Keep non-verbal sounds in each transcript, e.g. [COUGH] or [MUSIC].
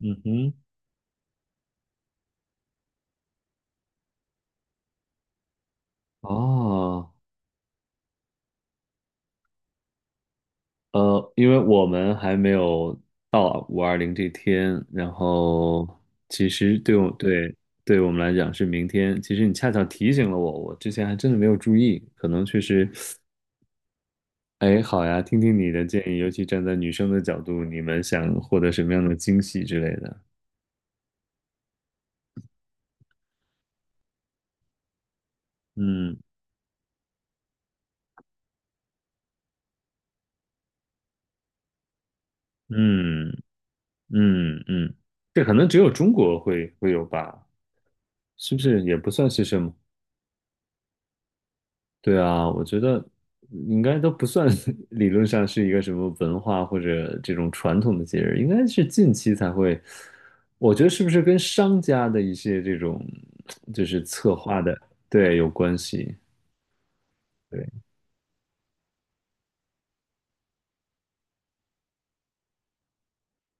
嗯哼，哦，因为我们还没有到五二零这天，然后其实对我对对我们来讲是明天。其实你恰巧提醒了我，我之前还真的没有注意，可能确实。哎，好呀，听听你的建议，尤其站在女生的角度，你们想获得什么样的惊喜之类的？嗯嗯嗯嗯，这可能只有中国会有吧？是不是也不算是什么？对啊，我觉得应该都不算 [LAUGHS] 理论上是一个什么文化或者这种传统的节日，应该是近期才会。我觉得是不是跟商家的一些这种就是策划的，对，有关系。对，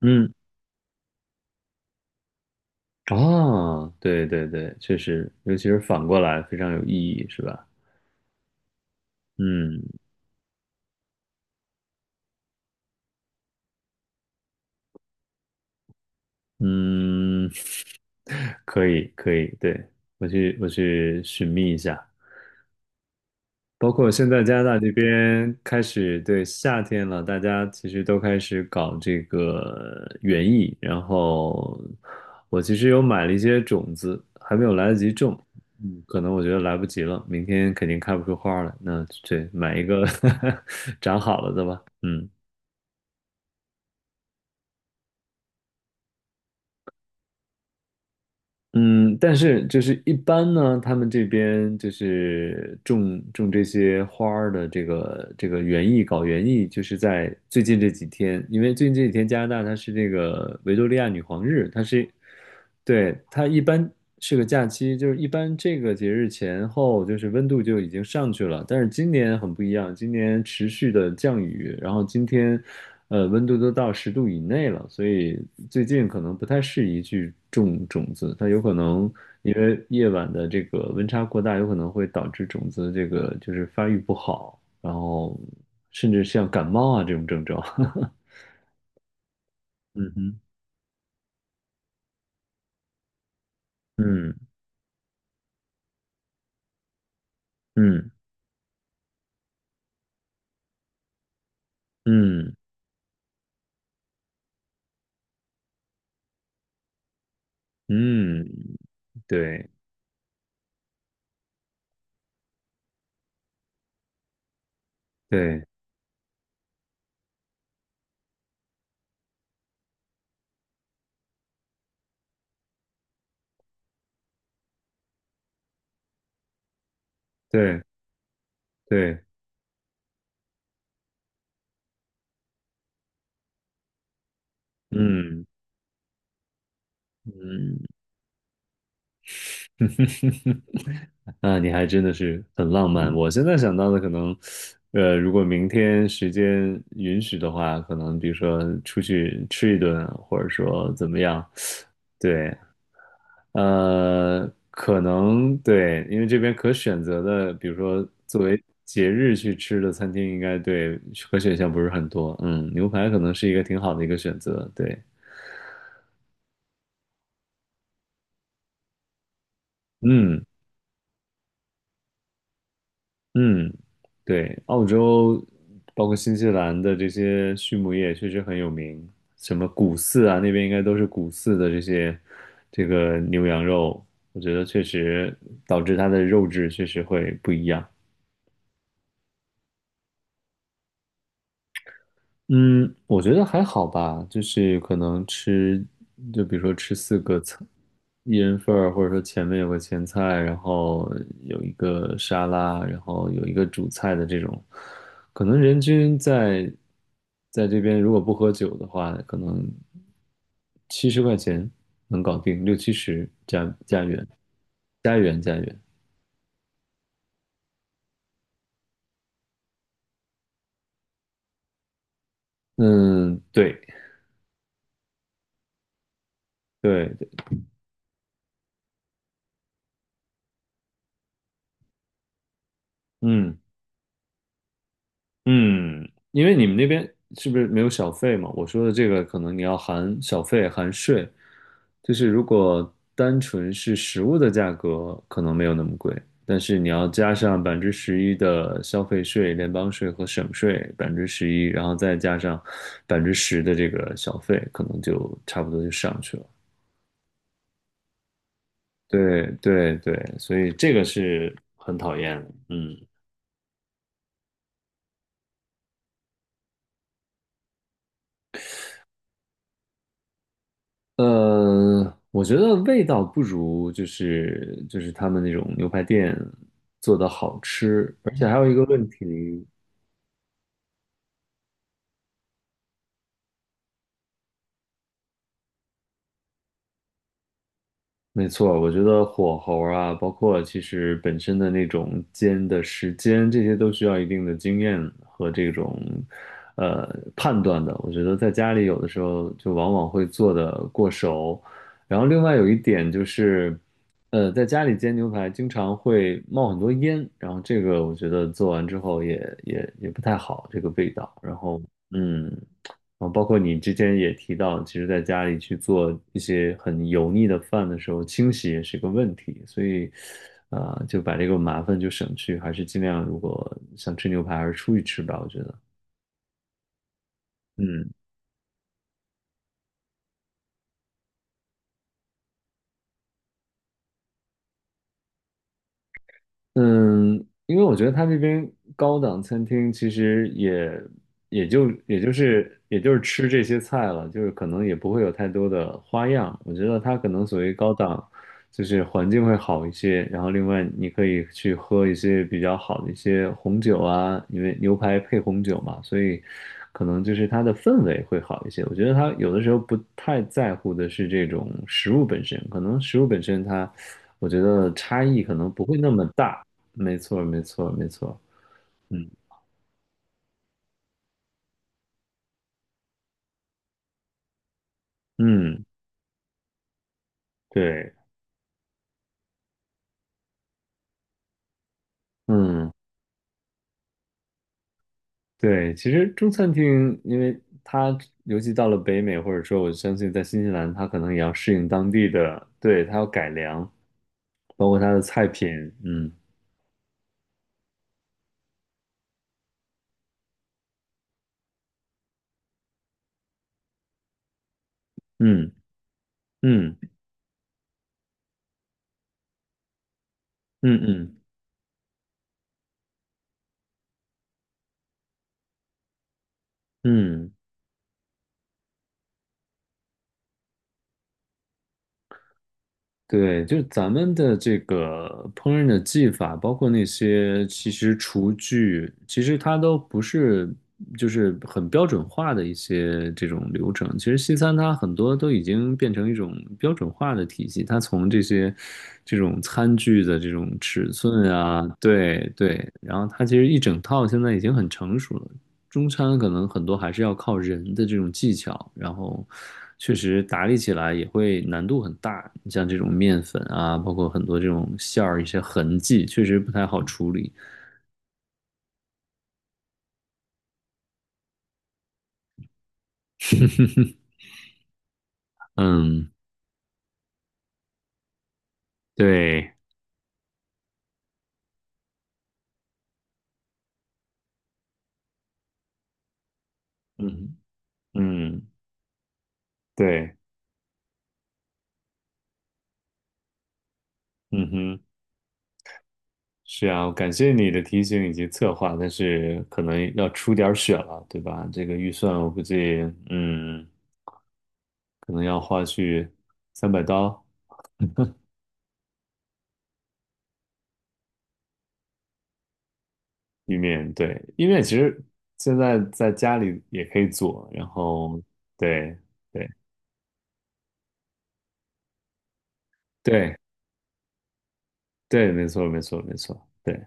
嗯，啊，对对对，确实，尤其是反过来非常有意义，是吧？嗯嗯，[LAUGHS] 可以可以，对，我去寻觅一下。包括现在加拿大这边开始对夏天了，大家其实都开始搞这个园艺，然后我其实有买了一些种子，还没有来得及种。嗯，可能我觉得来不及了，明天肯定开不出花儿来，那对，买一个 [LAUGHS] 长好了的吧，嗯。嗯，但是就是一般呢，他们这边就是种这些花儿的这个园艺，搞园艺，就是在最近这几天，因为最近这几天加拿大它是这个维多利亚女皇日，它是，对，它一般。是个假期，就是一般这个节日前后，就是温度就已经上去了。但是今年很不一样，今年持续的降雨，然后今天，温度都到10度以内了，所以最近可能不太适宜去种种子，它有可能因为夜晚的这个温差过大，有可能会导致种子这个就是发育不好，然后甚至像感冒啊这种症状。[LAUGHS] 嗯哼，嗯嗯嗯嗯嗯，对对。对对，嗯嗯，[LAUGHS] 那你还真的是很浪漫。我现在想到的可能，如果明天时间允许的话，可能比如说出去吃一顿，或者说怎么样，对，可能对，因为这边可选择的，比如说作为节日去吃的餐厅，应该对可选项不是很多。嗯，牛排可能是一个挺好的一个选择。对，嗯。嗯，对，澳洲包括新西兰的这些畜牧业确实很有名，什么谷饲啊，那边应该都是谷饲的这些这个牛羊肉，我觉得确实导致它的肉质确实会不一样。嗯，我觉得还好吧，就是可能吃，就比如说吃四个菜，一人份儿，或者说前面有个前菜，然后有一个沙拉，然后有一个主菜的这种，可能人均在这边如果不喝酒的话，可能70块钱能搞定，六七十加元，加元加元。嗯，对对对，嗯。嗯，因为你们那边是不是没有小费嘛？我说的这个可能你要含小费、含税，就是如果单纯是食物的价格，可能没有那么贵，但是你要加上百分之十一的消费税、联邦税和省税百分之十一，然后再加上百分之十的这个小费，可能就差不多就上去了。对对对，所以这个是很讨厌的，嗯。我觉得味道不如就是他们那种牛排店做的好吃，而且还有一个问题，没错，我觉得火候啊，包括其实本身的那种煎的时间，这些都需要一定的经验和这种呃判断的。我觉得在家里有的时候就往往会做的过熟，然后另外有一点就是，在家里煎牛排经常会冒很多烟，然后这个我觉得做完之后也不太好，这个味道。然后嗯。啊，包括你之前也提到，其实在家里去做一些很油腻的饭的时候，清洗也是个问题，所以，啊、就把这个麻烦就省去，还是尽量如果想吃牛排，还是出去吃吧，我觉得。嗯嗯，因为我觉得他那边高档餐厅其实也就是吃这些菜了，就是可能也不会有太多的花样。我觉得它可能所谓高档，就是环境会好一些，然后另外你可以去喝一些比较好的一些红酒啊，因为牛排配红酒嘛，所以可能就是它的氛围会好一些。我觉得他有的时候不太在乎的是这种食物本身，可能食物本身它，我觉得差异可能不会那么大。没错，没错，没错。嗯嗯，对，嗯对。其实中餐厅，因为它尤其到了北美，或者说我相信在新西兰，它可能也要适应当地的，对，它要改良，包括它的菜品。嗯嗯嗯嗯嗯嗯。嗯对，就是咱们的这个烹饪的技法，包括那些其实厨具，其实它都不是就是很标准化的一些这种流程。其实西餐它很多都已经变成一种标准化的体系，它从这些这种餐具的这种尺寸啊，对对，然后它其实一整套现在已经很成熟了。中餐可能很多还是要靠人的这种技巧，然后确实打理起来也会难度很大。你像这种面粉啊，包括很多这种馅儿一些痕迹，确实不太好处理。[LAUGHS] 嗯，对，嗯嗯，对，嗯哼，是啊，感谢你的提醒以及策划，但是可能要出点儿血了，对吧？这个预算我估计，嗯，可能要花去300刀。意面，对，意面其实现在在家里也可以做，然后对对对对，没错没错没错，对，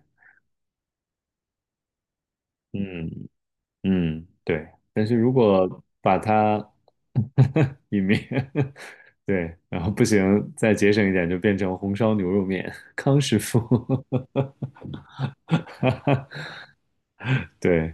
嗯嗯对，但是如果把它 [LAUGHS] 意面，[LAUGHS] 对，然后不行，再节省一点就变成红烧牛肉面，康师傅，[LAUGHS] 对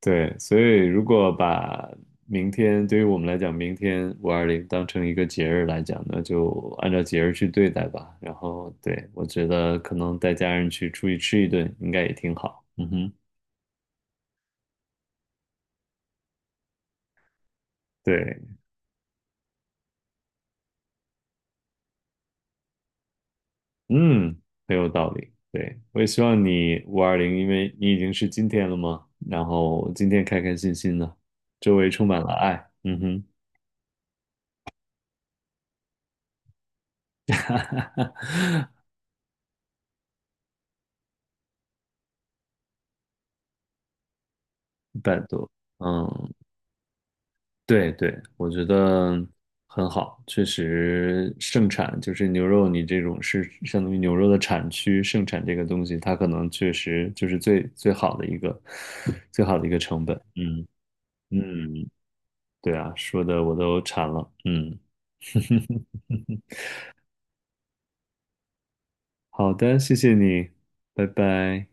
对，所以如果把明天对于我们来讲，明天五二零当成一个节日来讲，那就按照节日去对待吧。然后，对，我觉得可能带家人去出去吃一顿，应该也挺好。嗯哼，对，嗯，很有道理。对，我也希望你五二零，因为你已经是今天了嘛，然后今天开开心心的，周围充满了爱。嗯哼，100多。嗯。对对，我觉得很好，确实盛产就是牛肉，你这种是相当于牛肉的产区盛产这个东西，它可能确实就是最好的一个成本。嗯嗯，对啊，说的我都馋了。嗯，好的，谢谢你，拜拜。